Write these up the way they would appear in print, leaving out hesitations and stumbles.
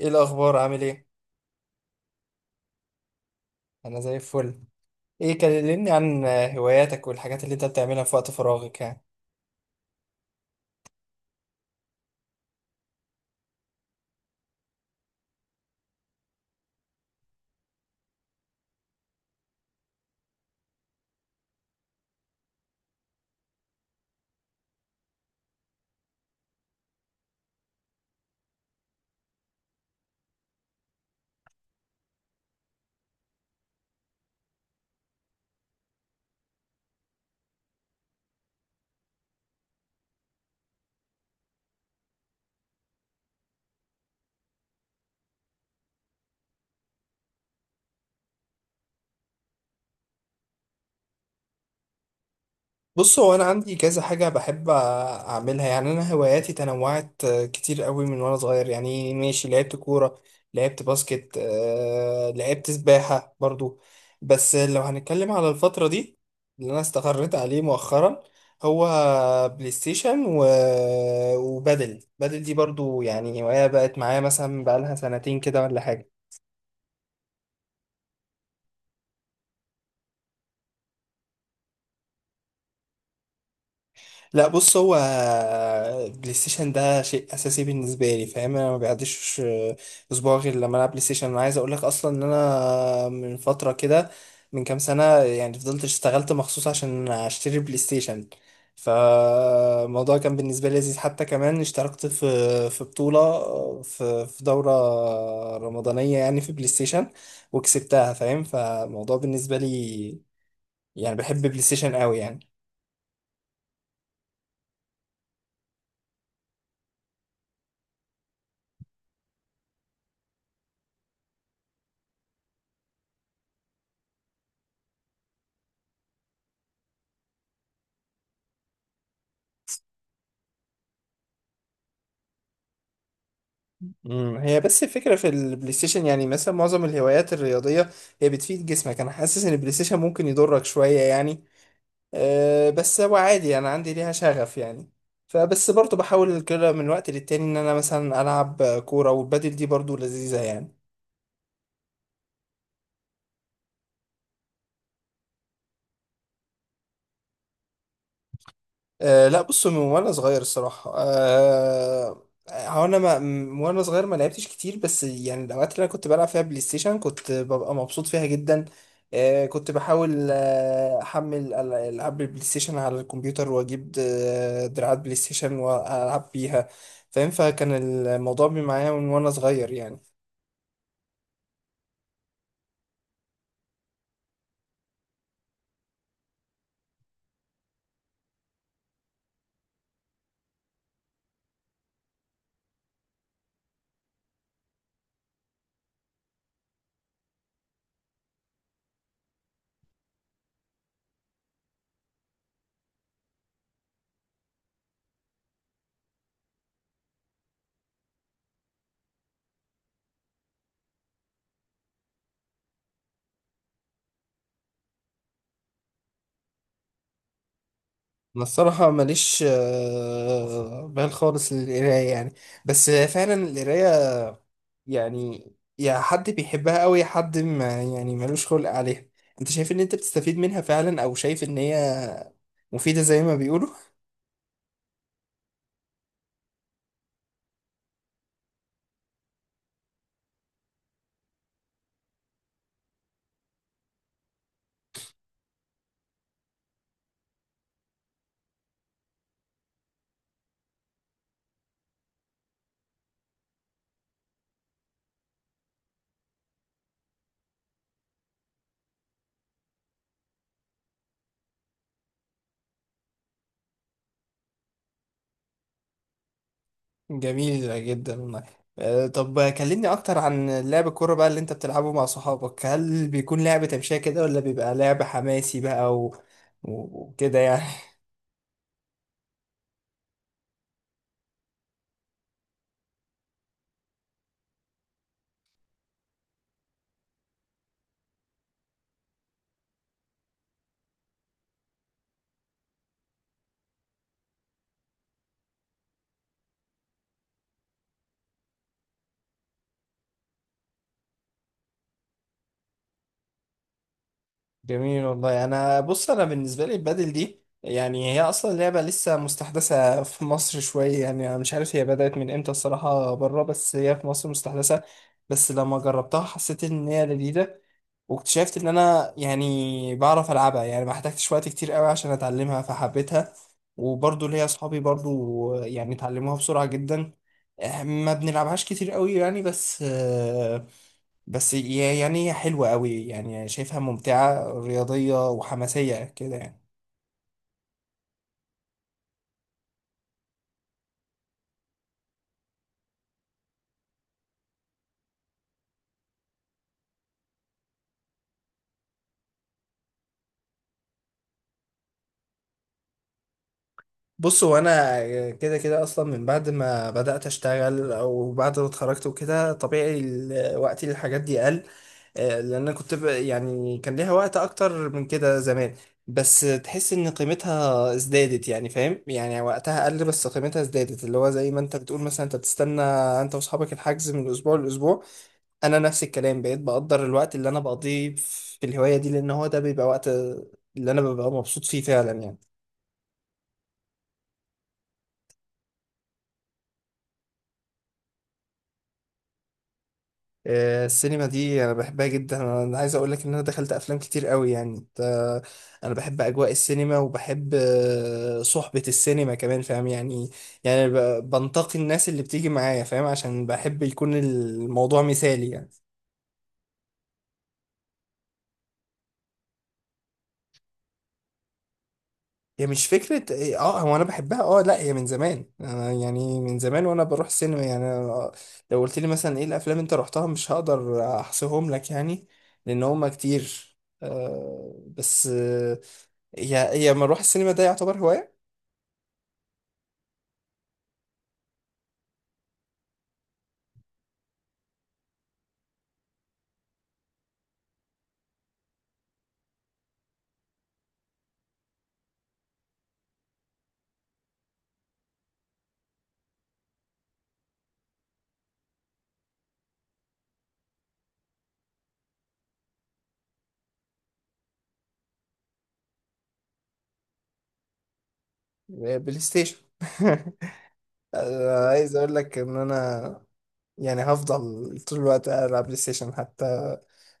ايه الاخبار؟ عامل ايه؟ انا زي الفل. ايه، كلمني عن هواياتك والحاجات اللي انت بتعملها في وقت فراغك يعني. بص، هو انا عندي كذا حاجه بحب اعملها. يعني انا هواياتي تنوعت كتير قوي من وانا صغير. يعني ماشي، لعبت كوره، لعبت باسكت، لعبت سباحه برضو. بس لو هنتكلم على الفتره دي، اللي انا استقريت عليه مؤخرا هو بلاي ستيشن وبادل دي برضو يعني هوايه بقت معايا، مثلا بقالها سنتين كده ولا حاجه. لا، بص، هو بلاي ستيشن ده شيء اساسي بالنسبه لي، فاهم. انا ما بيعديش اسبوع غير لما العب بلاي ستيشن. انا عايز اقول لك اصلا ان انا من فتره كده، من كام سنه يعني، فضلت اشتغلت مخصوص عشان اشتري بلاي ستيشن. فالموضوع كان بالنسبه لي لذيذ، حتى كمان اشتركت في بطوله، في دوره رمضانيه يعني في بلاي ستيشن وكسبتها، فاهم. فالموضوع بالنسبه لي، يعني بحب بلاي ستيشن قوي يعني. هي بس الفكرة في البلاي ستيشن، يعني مثلا معظم الهوايات الرياضية هي بتفيد جسمك. انا حاسس ان البلاي ستيشن ممكن يضرك شوية يعني. أه، بس هو عادي، انا عندي ليها شغف يعني. فبس برضو بحاول كده من وقت للتاني ان انا مثلا العب كورة، والبادل دي برضو لذيذة يعني. أه لا، بص، من وانا صغير الصراحة. أه هو انا ما م- وانا صغير ما لعبتش كتير، بس يعني الاوقات اللي انا كنت بلعب فيها بلاي ستيشن كنت ببقى مبسوط فيها جدا. أه، كنت بحاول احمل العاب البلاي ستيشن على الكمبيوتر، واجيب دراعات بلاي ستيشن والعب بيها، فاهم. فكان الموضوع معايا من وانا صغير يعني. انا الصراحه ماليش بال خالص للقرايه يعني. بس فعلا القرايه يعني يا حد بيحبها قوي يا حد ما، يعني ملوش خلق عليها. انت شايف ان انت بتستفيد منها فعلا، او شايف ان هي مفيده زي ما بيقولوا؟ جميل جدا والله. طب كلمني اكتر عن لعب الكوره بقى اللي انت بتلعبه مع صحابك. هل بيكون لعب تمشيه كده، ولا بيبقى لعب حماسي بقى وكده يعني؟ جميل والله. انا بص، انا بالنسبه لي البادل دي يعني هي اصلا لعبه لسه مستحدثه في مصر شويه. يعني انا مش عارف هي بدات من امتى الصراحه بره، بس هي في مصر مستحدثه. بس لما جربتها حسيت ان هي لذيذه. واكتشفت ان انا يعني بعرف العبها، يعني ما احتاجتش وقت كتير قوي عشان اتعلمها فحبيتها. وبرضو ليا اصحابي برضو يعني اتعلموها بسرعه جدا. ما بنلعبهاش كتير قوي يعني. بس يعني هي حلوة قوي، يعني شايفها ممتعة رياضية وحماسية كده يعني. بص، هو انا كده كده اصلا من بعد ما بدأت اشتغل او بعد ما اتخرجت وكده طبيعي وقتي للحاجات دي قل. لان انا كنت يعني كان ليها وقت اكتر من كده زمان. بس تحس ان قيمتها ازدادت، يعني فاهم. يعني وقتها قل بس قيمتها ازدادت، اللي هو زي ما انت بتقول مثلا انت بتستنى انت واصحابك الحجز من اسبوع لاسبوع. انا نفس الكلام، بقيت بقدر الوقت اللي انا بقضيه في الهوايه دي، لان هو ده بيبقى وقت اللي انا ببقى مبسوط فيه فعلا يعني. السينما دي انا بحبها جدا. انا عايز اقول لك ان انا دخلت افلام كتير قوي يعني انا بحب اجواء السينما، وبحب صحبه السينما كمان، فاهم. يعني يعني بنتقي الناس اللي بتيجي معايا، فاهم، عشان بحب يكون الموضوع مثالي يعني. هي مش فكرة إيه، اه هو انا بحبها. اه لا، هي من زمان. أنا يعني من زمان وانا بروح السينما. يعني أنا لو قلت لي مثلا ايه الافلام انت رحتها، مش هقدر احصيهم لك يعني، لان هما كتير. بس هي ما اروح السينما، ده يعتبر هواية؟ بلاي ستيشن. عايز اقول لك ان انا يعني هفضل طول الوقت العب بلاي ستيشن. حتى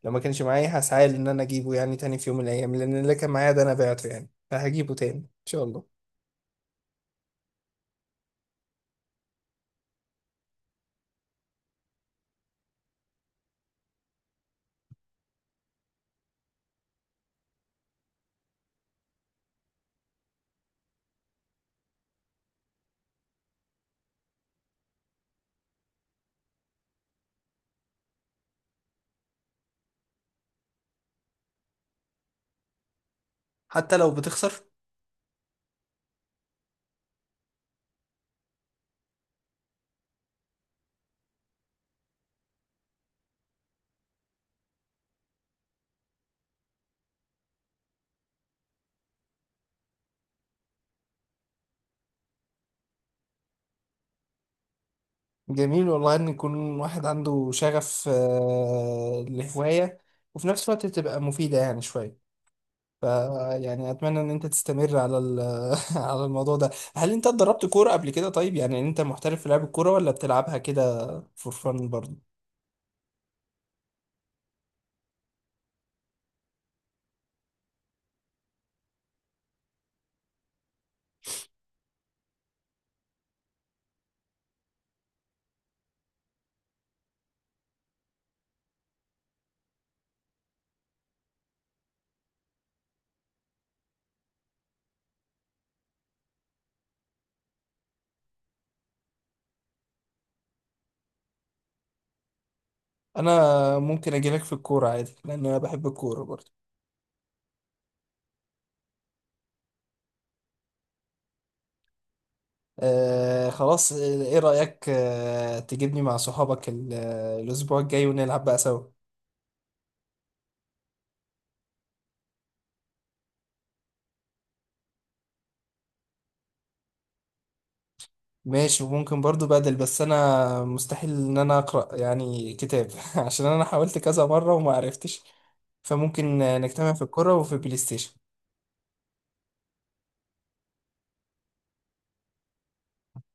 لو ما كانش معايا هسعى ان انا اجيبه يعني تاني في يوم من الايام، لان اللي كان معايا ده انا بعته يعني، فهجيبه تاني ان شاء الله. حتى لو بتخسر. جميل والله ان يكون واحد عنده شغف لهواية، وفي نفس الوقت تبقى مفيدة يعني شوية. ف يعني اتمنى ان انت تستمر على على الموضوع ده. هل انت اتدربت كورة قبل كده؟ طيب، يعني انت محترف في لعب الكورة ولا بتلعبها كده فور فن برضه؟ انا ممكن اجيلك في الكورة عادي، لان انا بحب الكورة برضه. آه خلاص. ايه رأيك تجيبني مع صحابك الاسبوع الجاي ونلعب بقى سوا؟ ماشي. وممكن برضو بدل، بس انا مستحيل ان انا اقرا يعني كتاب عشان انا حاولت كذا مره وما عرفتش. فممكن نجتمع في الكوره وفي البلاي ستيشن.